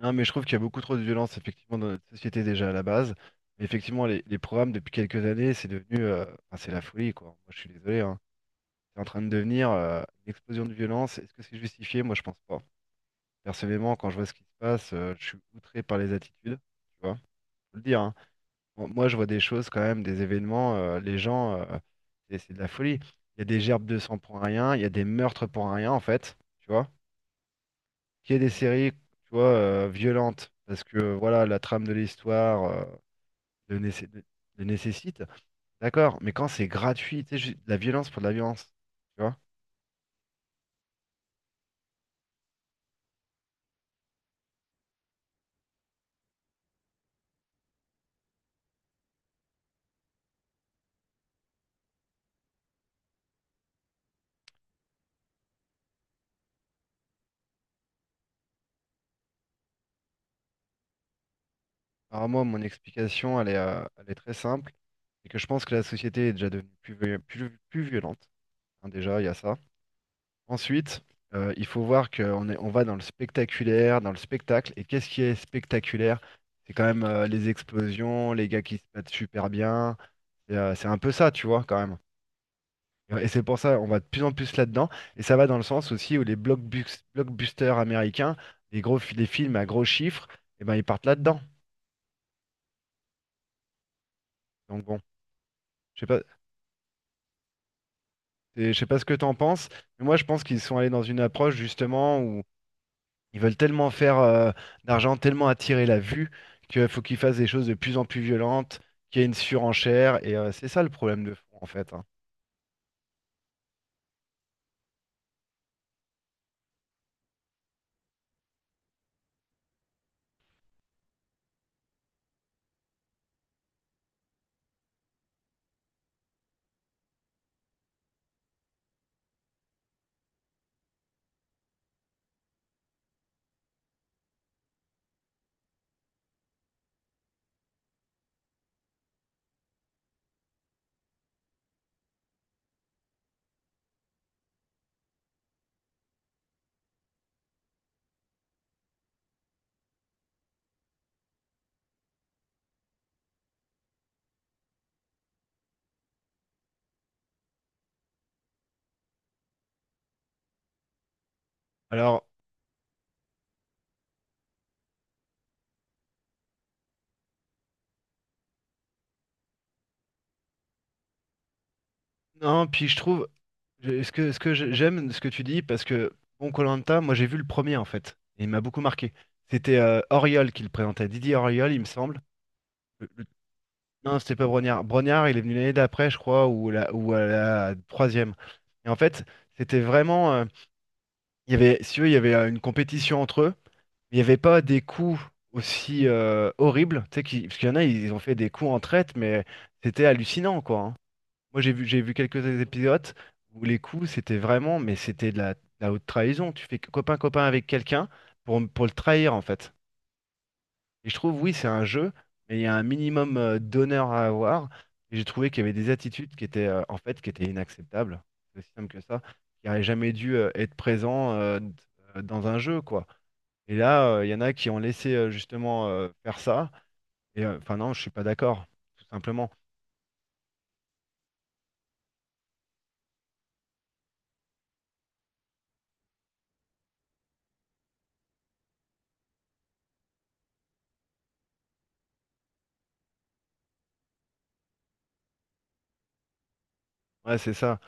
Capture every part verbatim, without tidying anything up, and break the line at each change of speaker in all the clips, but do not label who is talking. Non, mais je trouve qu'il y a beaucoup trop de violence, effectivement, dans notre société déjà à la base. Mais effectivement, les, les programmes, depuis quelques années, c'est devenu... euh, Enfin, c'est la folie, quoi. Moi, je suis désolé, hein. C'est en train de devenir euh, une explosion de violence. Est-ce que c'est justifié? Moi, je pense pas. Personnellement, quand je vois ce qui se passe, euh, je suis outré par les attitudes, tu vois. Faut le dire, hein. Bon, moi, je vois des choses quand même, des événements, euh, les gens, euh, c'est c'est de la folie. Il y a des gerbes de sang pour rien, il y a des meurtres pour rien, en fait, tu vois qu'il y ait des séries, tu vois, euh, violentes, parce que euh, voilà, la trame de l'histoire euh, le, nécess- le nécessite, d'accord, mais quand c'est gratuit, tu sais, j'ai- de la violence pour de la violence, tu vois. Alors moi, mon explication, elle est, euh, elle est très simple, c'est que je pense que la société est déjà devenue plus, vi- plus, plus violente, hein, déjà, il y a ça. Ensuite, euh, il faut voir qu'on est, on va dans le spectaculaire, dans le spectacle, et qu'est-ce qui est spectaculaire? C'est quand même euh, les explosions, les gars qui se battent super bien, c'est euh, c'est un peu ça, tu vois, quand même. Et c'est pour ça on va de plus en plus là-dedans. Et ça va dans le sens aussi où les blockbus- blockbusters américains, les gros, fi- les films à gros chiffres, eh ben, ils partent là-dedans. Donc bon, je sais pas, et je sais pas ce que t'en penses, mais moi je pense qu'ils sont allés dans une approche justement où ils veulent tellement faire euh, d'argent, tellement attirer la vue, qu'il faut qu'ils fassent des choses de plus en plus violentes, qu'il y ait une surenchère. Et euh, c'est ça le problème de fond en fait, hein. Alors non, puis je trouve, je- ce que, ce que je- j'aime ce que tu dis, parce que bon, koh moi j'ai vu le premier en fait, et il m'a beaucoup marqué. C'était euh, Auriol qui le présentait, Didier Auriol, il me semble. Le- le- Non, c'était pas Brognard. Brognard, il est venu l'année d'après, je crois, ou, la, ou à la troisième. Et en fait, c'était vraiment, euh, il y avait, si tu veux, il y avait euh, une compétition entre eux. Il n'y avait pas des coups aussi euh, horribles, tu sais, qui- parce qu'il y en a, ils ont fait des coups en traite, mais c'était hallucinant, quoi, hein. Moi, j'ai vu, j'ai vu quelques épisodes où les coups, c'était vraiment, mais c'était de la, de la haute trahison. Tu fais copain-copain avec quelqu'un pour, pour le trahir, en fait. Et je trouve, oui, c'est un jeu, mais il y a un minimum euh, d'honneur à avoir. Et j'ai trouvé qu'il y avait des attitudes qui étaient, euh, en fait, qui étaient inacceptables. C'est aussi simple que ça. Qui n'auraient jamais dû euh, être présents euh, d- euh, dans un jeu, quoi. Et là, euh, il y en a qui ont laissé, euh, justement, euh, faire ça. Et, euh, enfin, non, je suis pas d'accord, tout simplement. Ouais, c'est ça.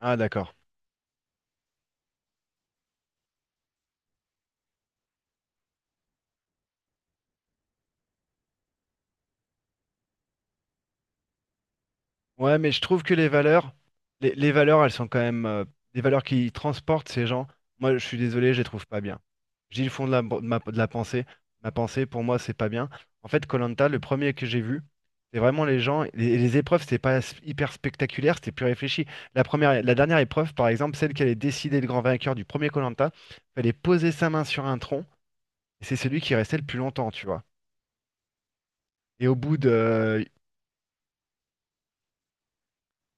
Ah, d'accord. Ouais, mais je trouve que les valeurs, les, les valeurs, elles sont quand même euh, des valeurs qui transportent ces gens. Moi, je suis désolé, je les trouve pas bien. Je dis le fond de la, bo- de ma- de la pensée. Ma pensée, pour moi, c'est pas bien. En fait, koh le premier que j'ai vu, c'est vraiment les gens. Les, les épreuves, c'était pas s- hyper spectaculaire, c'était plus réfléchi. La première, la dernière épreuve, par exemple, celle qui allait décider le grand vainqueur du premier koh fallait poser sa main sur un tronc, et c'est celui qui restait le plus longtemps, tu vois. Et au bout de, euh,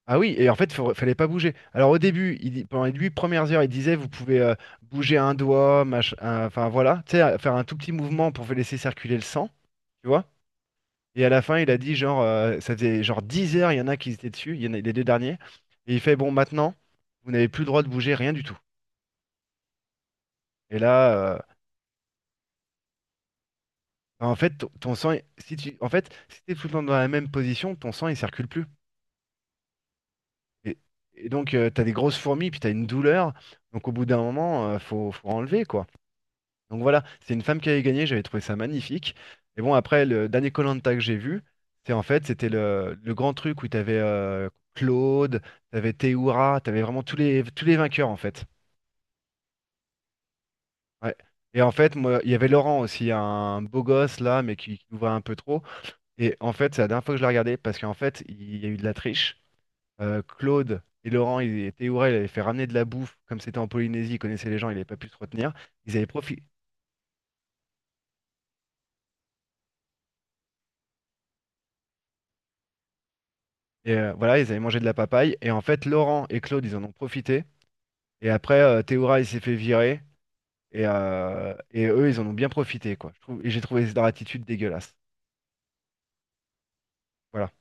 ah oui, et en fait, il fallait pas bouger. Alors au début, il dit- pendant les huit premières heures, il disait, vous pouvez euh, bouger un doigt, mach- un- enfin voilà, tu sais, euh, faire un tout petit mouvement pour laisser circuler le sang, tu vois. Et à la fin, il a dit, genre, euh, ça faisait genre dix heures, il y en a qui étaient dessus, il y en a les deux derniers. Et il fait, bon, maintenant, vous n'avez plus le droit de bouger, rien du tout. Et là, euh, en fait, ton, ton sang, est- si tu, en fait, si t'es tout le temps dans la même position, ton sang, il circule plus. Et, et donc, tu t'as des grosses fourmis, puis t'as une douleur. Donc au bout d'un moment, euh, faut, faut enlever, quoi. Donc voilà, c'est une femme qui avait gagné, j'avais trouvé ça magnifique. Et bon, après, le dernier koh que j'ai vu, c'est en fait, c'était le, le grand truc où t'avais avais Claude, t'avais Théoura, t'avais vraiment tous les, tous les vainqueurs en fait. Ouais. Et en fait, moi, il y avait Laurent aussi, un beau gosse là, mais qui, qui nous voit un peu trop. Et en fait, c'est la dernière fois que je l'ai regardé parce qu'en fait, il y a eu de la triche. Euh, Claude et Laurent, ils, et Théoura, ils avaient fait ramener de la bouffe, comme c'était en Polynésie, ils connaissaient les gens, ils n'avaient pas pu se retenir. Ils avaient profi- Et euh, voilà, ils avaient mangé de la papaye. Et en fait, Laurent et Claude, ils en ont profité. Et après, euh, Théoura, il s'est fait virer. Et, euh, et eux, ils en ont bien profité, quoi. Je trouve- et j'ai trouvé leur attitude dégueulasse. Voilà.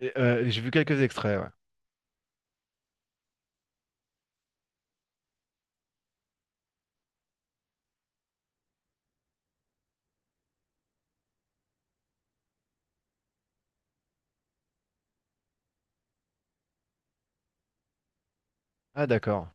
Et, euh, j'ai vu quelques extraits, ouais. Ah, d'accord.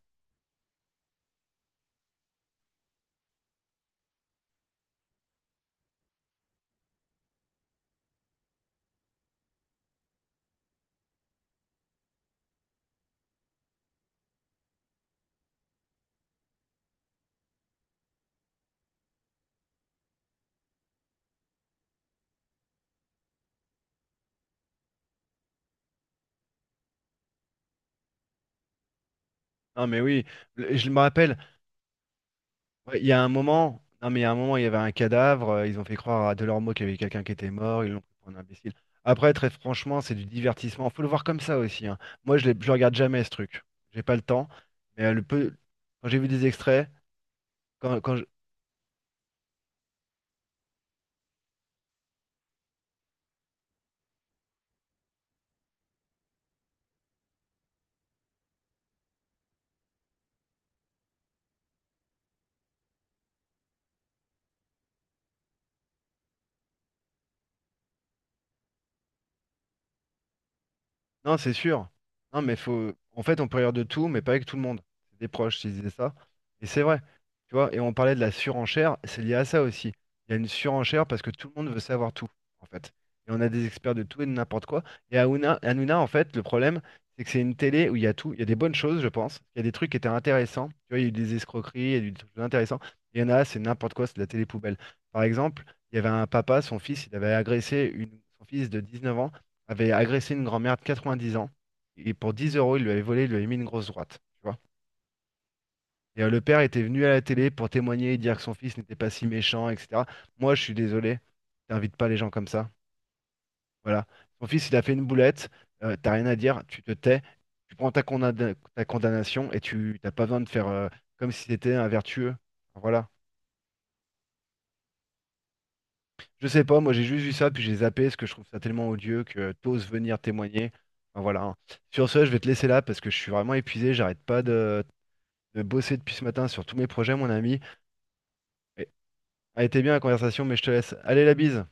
Non, mais oui. Le- Je me rappelle, ouais, il y a un moment, non, mais il y a un moment, il y avait un cadavre. euh, Ils ont fait croire à Delormeau qu'il y avait quelqu'un qui était mort. Ils l'ont pris pour un imbécile. Après, très franchement, c'est du divertissement. Faut le voir comme ça aussi, hein. Moi, je ne le regarde jamais, ce truc. J'ai pas le temps. Mais euh, le peu, quand j'ai vu des extraits, Quand, quand je- Non, c'est sûr. Non, mais faut. En fait, on peut rire de tout, mais pas avec tout le monde. C'est des proches qui disaient ça. Et c'est vrai. Tu vois, et on parlait de la surenchère, c'est lié à ça aussi. Il y a une surenchère parce que tout le monde veut savoir tout, en fait. Et on a des experts de tout et de n'importe quoi. Et Hanouna, Hanouna, en fait, le problème, c'est que c'est une télé où il y a tout. Il y a des bonnes choses, je pense. Il y a des trucs qui étaient intéressants. Tu vois, il y a eu des escroqueries, il y a eu des trucs intéressants. Il y en a, c'est n'importe quoi, c'est de la télé poubelle. Par exemple, il y avait un papa, son fils, il avait agressé une... son fils de dix neuf ans avait agressé une grand-mère de quatre-vingt-dix ans. Et pour dix euros, il lui avait volé, il lui avait mis une grosse droite. Tu vois. Et euh, le père était venu à la télé pour témoigner et dire que son fils n'était pas si méchant, et cetera. Moi, je suis désolé, t'invites pas les gens comme ça. Voilà. Son fils, il a fait une boulette, euh, t'as rien à dire, tu te tais, tu prends ta, condamna- ta condamnation et tu t'as pas besoin de faire euh, comme si c'était un vertueux. Voilà. Je sais pas, moi j'ai juste vu ça, puis j'ai zappé, parce que je trouve ça tellement odieux que t'oses venir témoigner. Enfin, voilà, hein. Sur ce, je vais te laisser là parce que je suis vraiment épuisé, j'arrête pas de, de bosser depuis ce matin sur tous mes projets, mon ami. Et, a été bien la conversation, mais je te laisse. Allez, la bise!